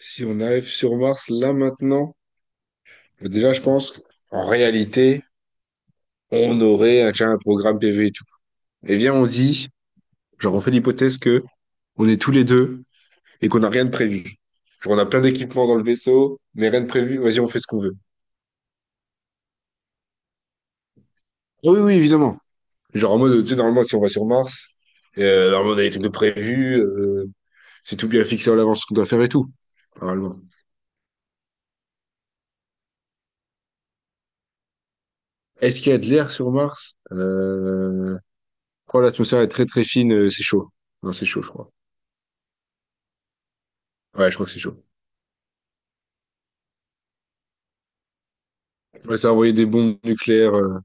Si on arrive sur Mars là maintenant, déjà je pense qu'en réalité, on aurait un, tiens, un programme PV et tout. Et bien on se dit, genre on fait l'hypothèse que on est tous les deux et qu'on n'a rien de prévu. Genre on a plein d'équipements dans le vaisseau, mais rien de prévu, vas-y on fait ce qu'on veut. Oui, oui, évidemment. Genre en mode, tu sais, normalement si on va sur Mars, normalement on a des trucs de prévus, c'est tout bien fixé à l'avance ce qu'on doit faire et tout. Normalement. Est-ce qu'il y a de l'air sur Mars? Oh, l'atmosphère est très très fine, c'est chaud. Non, c'est chaud, je crois. Ouais, je crois que c'est chaud. Ouais, ça a envoyé des bombes nucléaires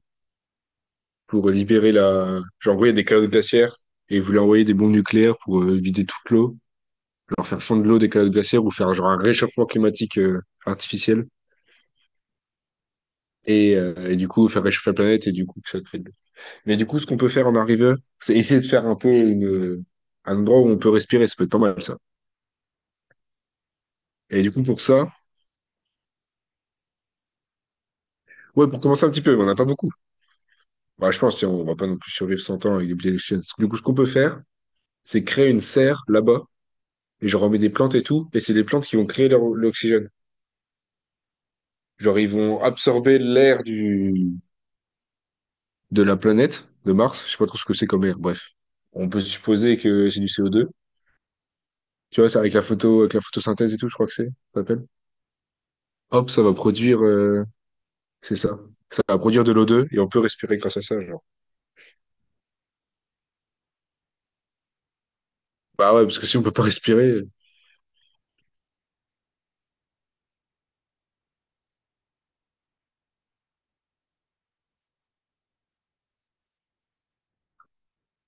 pour libérer la. Genre, oui, il y a des calottes glaciaires et ils voulaient envoyer des bombes nucléaires pour vider toute l'eau, leur faire fondre l'eau des calottes glaciaires ou faire genre un réchauffement climatique artificiel et du coup faire réchauffer la planète et du coup que ça crée de l'eau. Mais du coup, ce qu'on peut faire en arrivant, c'est essayer de faire un peu une un endroit où on peut respirer. Ça peut être pas mal ça. Et du coup, pour ça, ouais, pour commencer un petit peu, mais on n'a pas beaucoup. Bah, je pense qu'on on va pas non plus survivre 100 ans avec des billets d'exchange. Du coup, ce qu'on peut faire, c'est créer une serre là-bas et j'en remets des plantes et tout, et c'est les plantes qui vont créer leur l'oxygène. Genre, ils vont absorber l'air du, de la planète, de Mars, je sais pas trop ce que c'est comme air, bref. On peut supposer que c'est du CO2. Tu vois, c'est avec la photo, avec la photosynthèse et tout, je crois que c'est, ça s'appelle. Hop, ça va produire, c'est ça. Ça va produire de l'O2 et on peut respirer grâce à ça, genre. Bah ouais, parce que si on peut pas respirer,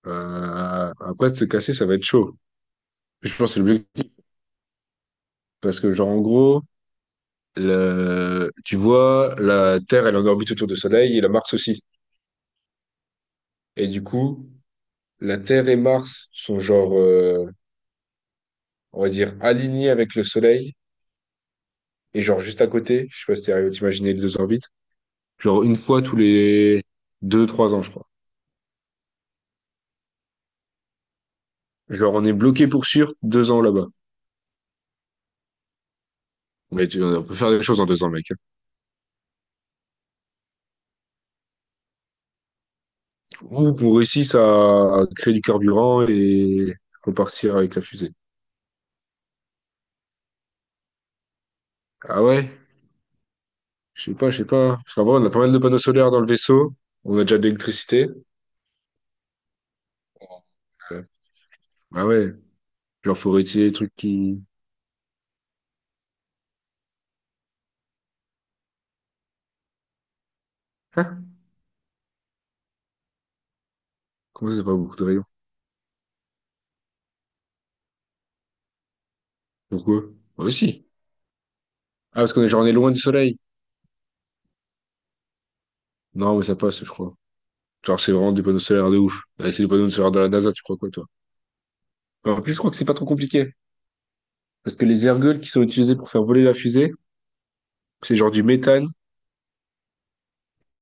après de se casser, ça va être chaud. Je pense que c'est l'objectif. Parce que, genre, en gros, le tu vois, la Terre, elle est en orbite autour du Soleil et la Mars aussi. Et du coup, la Terre et Mars sont genre, on va dire, alignés avec le Soleil et genre juste à côté. Je sais pas si t'es arrivé à t'imaginer les deux orbites. Genre une fois tous les deux, trois ans, je crois. Genre on est bloqué pour sûr deux ans là-bas. Mais tu on peut faire des choses en deux ans, mec. Ou qu'on réussisse à créer du carburant et repartir avec la fusée. Ah ouais? Je sais pas, je sais pas. Parce qu'en vrai, on a pas mal de panneaux solaires dans le vaisseau. On a déjà de l'électricité. Euh, Ah ouais, genre faut retirer les trucs qui... Comment ça, c'est pas beaucoup de rayons? Pourquoi? Bah, si. Ah, parce qu'on est, genre, on est loin du soleil. Non, mais ça passe, je crois. Genre, c'est vraiment des panneaux solaires de ouf. Ouais, c'est des panneaux solaires de la NASA, tu crois quoi, toi? Bah, en plus, je crois que c'est pas trop compliqué. Parce que les ergols qui sont utilisés pour faire voler la fusée, c'est genre du méthane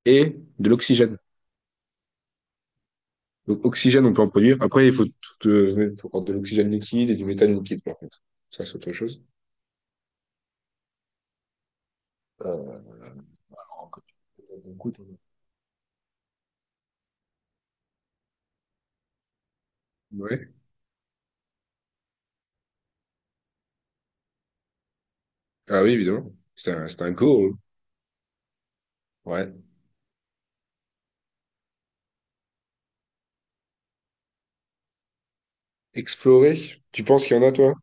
et de l'oxygène. Donc, oxygène, on peut en produire. Après, il faut, tout, il faut prendre de l'oxygène liquide et du méthane liquide, par contre. Ça, c'est autre chose. Euh, alors, quand tu écoute, on Ouais. Ah oui, évidemment. C'est un go, hein. Ouais. Explorer. Tu penses qu'il y en a, toi?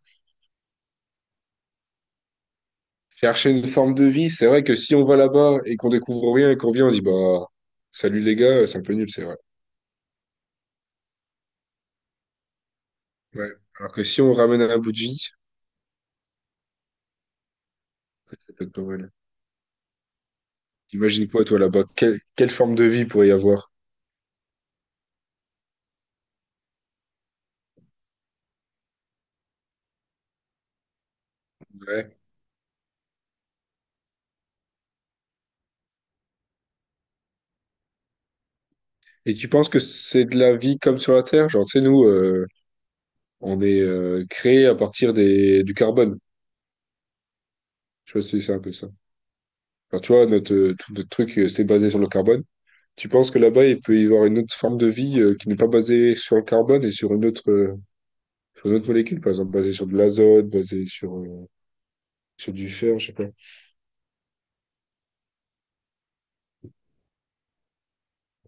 Chercher une forme de vie, c'est vrai que si on va là-bas et qu'on découvre rien et qu'on vient, on dit bah salut les gars, c'est un peu nul, c'est vrai. Ouais. Alors que si on ramène un bout de vie, ça c'est peut-être pas mal. Imagine quoi toi là-bas? Quelle, quelle forme de vie pourrait y avoir? Ouais. Et tu penses que c'est de la vie comme sur la Terre? Genre, tu sais, nous, on est créé à partir des, du carbone. Tu vois, c'est un peu ça. Enfin, tu vois, notre, tout notre truc, c'est basé sur le carbone. Tu penses que là-bas, il peut y avoir une autre forme de vie qui n'est pas basée sur le carbone et sur une autre, sur d'autres molécules, par exemple, basées sur de l'azote, basées sur, sur du fer, je sais pas.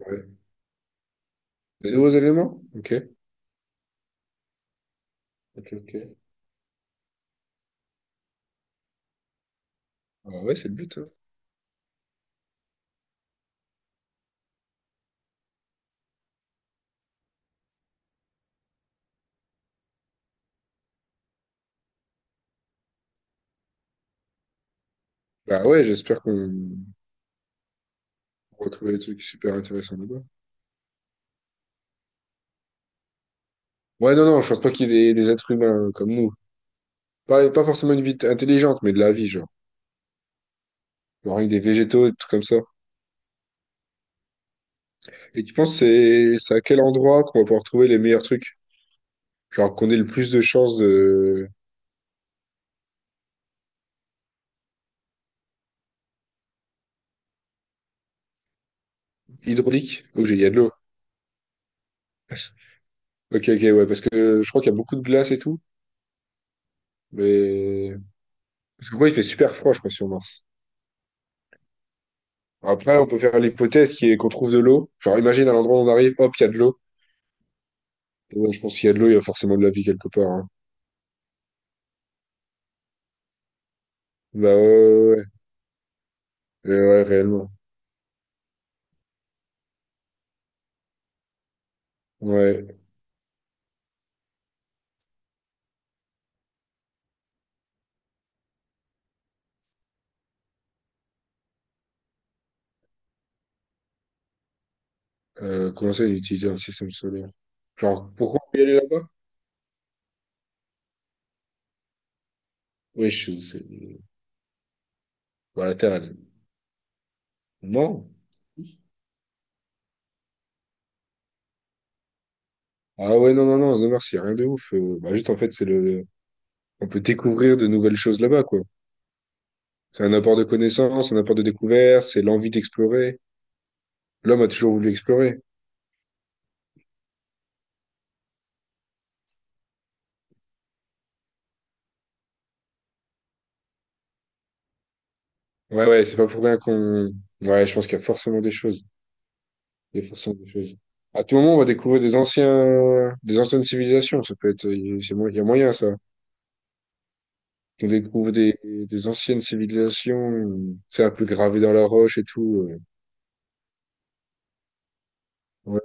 Ouais. Des nouveaux éléments? Ok, ok, ok. Ah ouais, c'est le but, hein. Bah ouais, j'espère qu'on retrouve des trucs super intéressants là-bas. Ouais, non, non, je pense pas qu'il y ait des êtres humains comme nous. Pas, pas forcément une vie intelligente, mais de la vie, genre. Genre avec des végétaux et tout comme ça. Et tu penses c'est à quel endroit qu'on va pouvoir trouver les meilleurs trucs? Genre qu'on ait le plus de chances de hydraulique? Ok, il y a de l'eau. Ok, ok, ouais, parce que je crois qu'il y a beaucoup de glace et tout, mais parce que quoi, il fait super froid, je crois, sur Mars. Après, on peut faire l'hypothèse qui est qu'on trouve de l'eau. Genre, imagine à l'endroit où on arrive, hop, il y a de l'eau. Ouais, je pense qu'il y a de l'eau, il y a forcément de la vie quelque part, hein. Bah ouais, ouais, ouais, ouais, réellement. Ouais. Comment ça, utiliser un système solaire? Genre, pourquoi on peut y aller là-bas? Oui, je sais. Bah, la Terre, elle. Non. Ah ouais, non, non, non, non, merci, rien de ouf. Bah, juste, en fait, c'est le. On peut découvrir de nouvelles choses là-bas, quoi. C'est un apport de connaissances, un apport de découverte, c'est l'envie d'explorer. L'homme a toujours voulu explorer. Ouais, ouais, c'est pas pour rien qu'on. Ouais, je pense qu'il y a forcément des choses. Il y a forcément des choses. À tout moment, on va découvrir des anciens, des anciennes civilisations. Ça peut être, c'est mo- il y a moyen, ça. On découvre des anciennes civilisations, c'est un peu gravé dans la roche et tout, Ouais,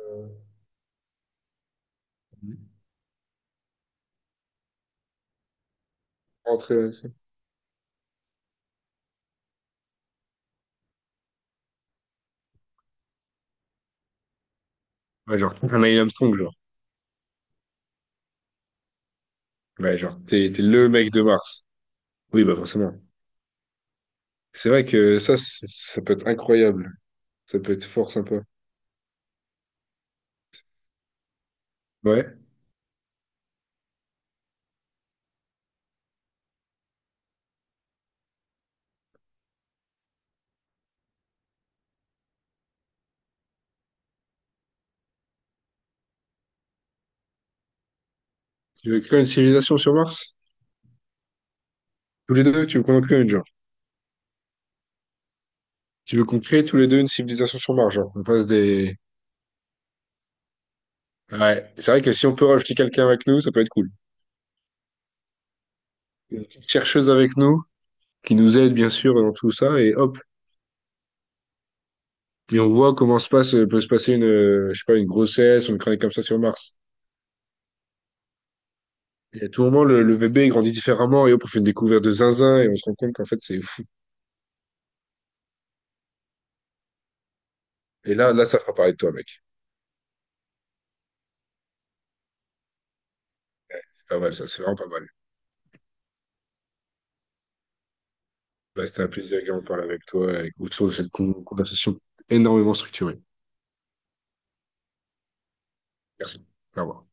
rentrer là, ça. Ouais, genre, un Neil Armstrong, genre. Ouais, genre, t'es, t'es le mec de Mars. Oui, bah, forcément. C'est vrai que ça, c'est ça peut être incroyable. Ça peut être fort sympa. Ouais. Tu veux créer une civilisation sur Mars? Tous les deux, tu veux qu'on en crée une, genre. Tu veux qu'on crée tous les deux une civilisation sur Mars, genre, on fasse des... Ouais, c'est vrai que si on peut rajouter quelqu'un avec nous, ça peut être cool. Une petite chercheuse avec nous, qui nous aide bien sûr dans tout ça, et hop, et on voit comment se passe, peut se passer une, je sais pas, une grossesse, une chronique comme ça sur Mars. Et à tout moment, le bébé grandit différemment, et hop, on fait une découverte de zinzin, et on se rend compte qu'en fait, c'est fou. Et là, là, ça fera parler de toi, mec. C'est pas mal, ça, c'est vraiment pas mal. Bah, c'était un plaisir également de parler avec toi, et autour de cette con- conversation énormément structurée. Merci. Au revoir.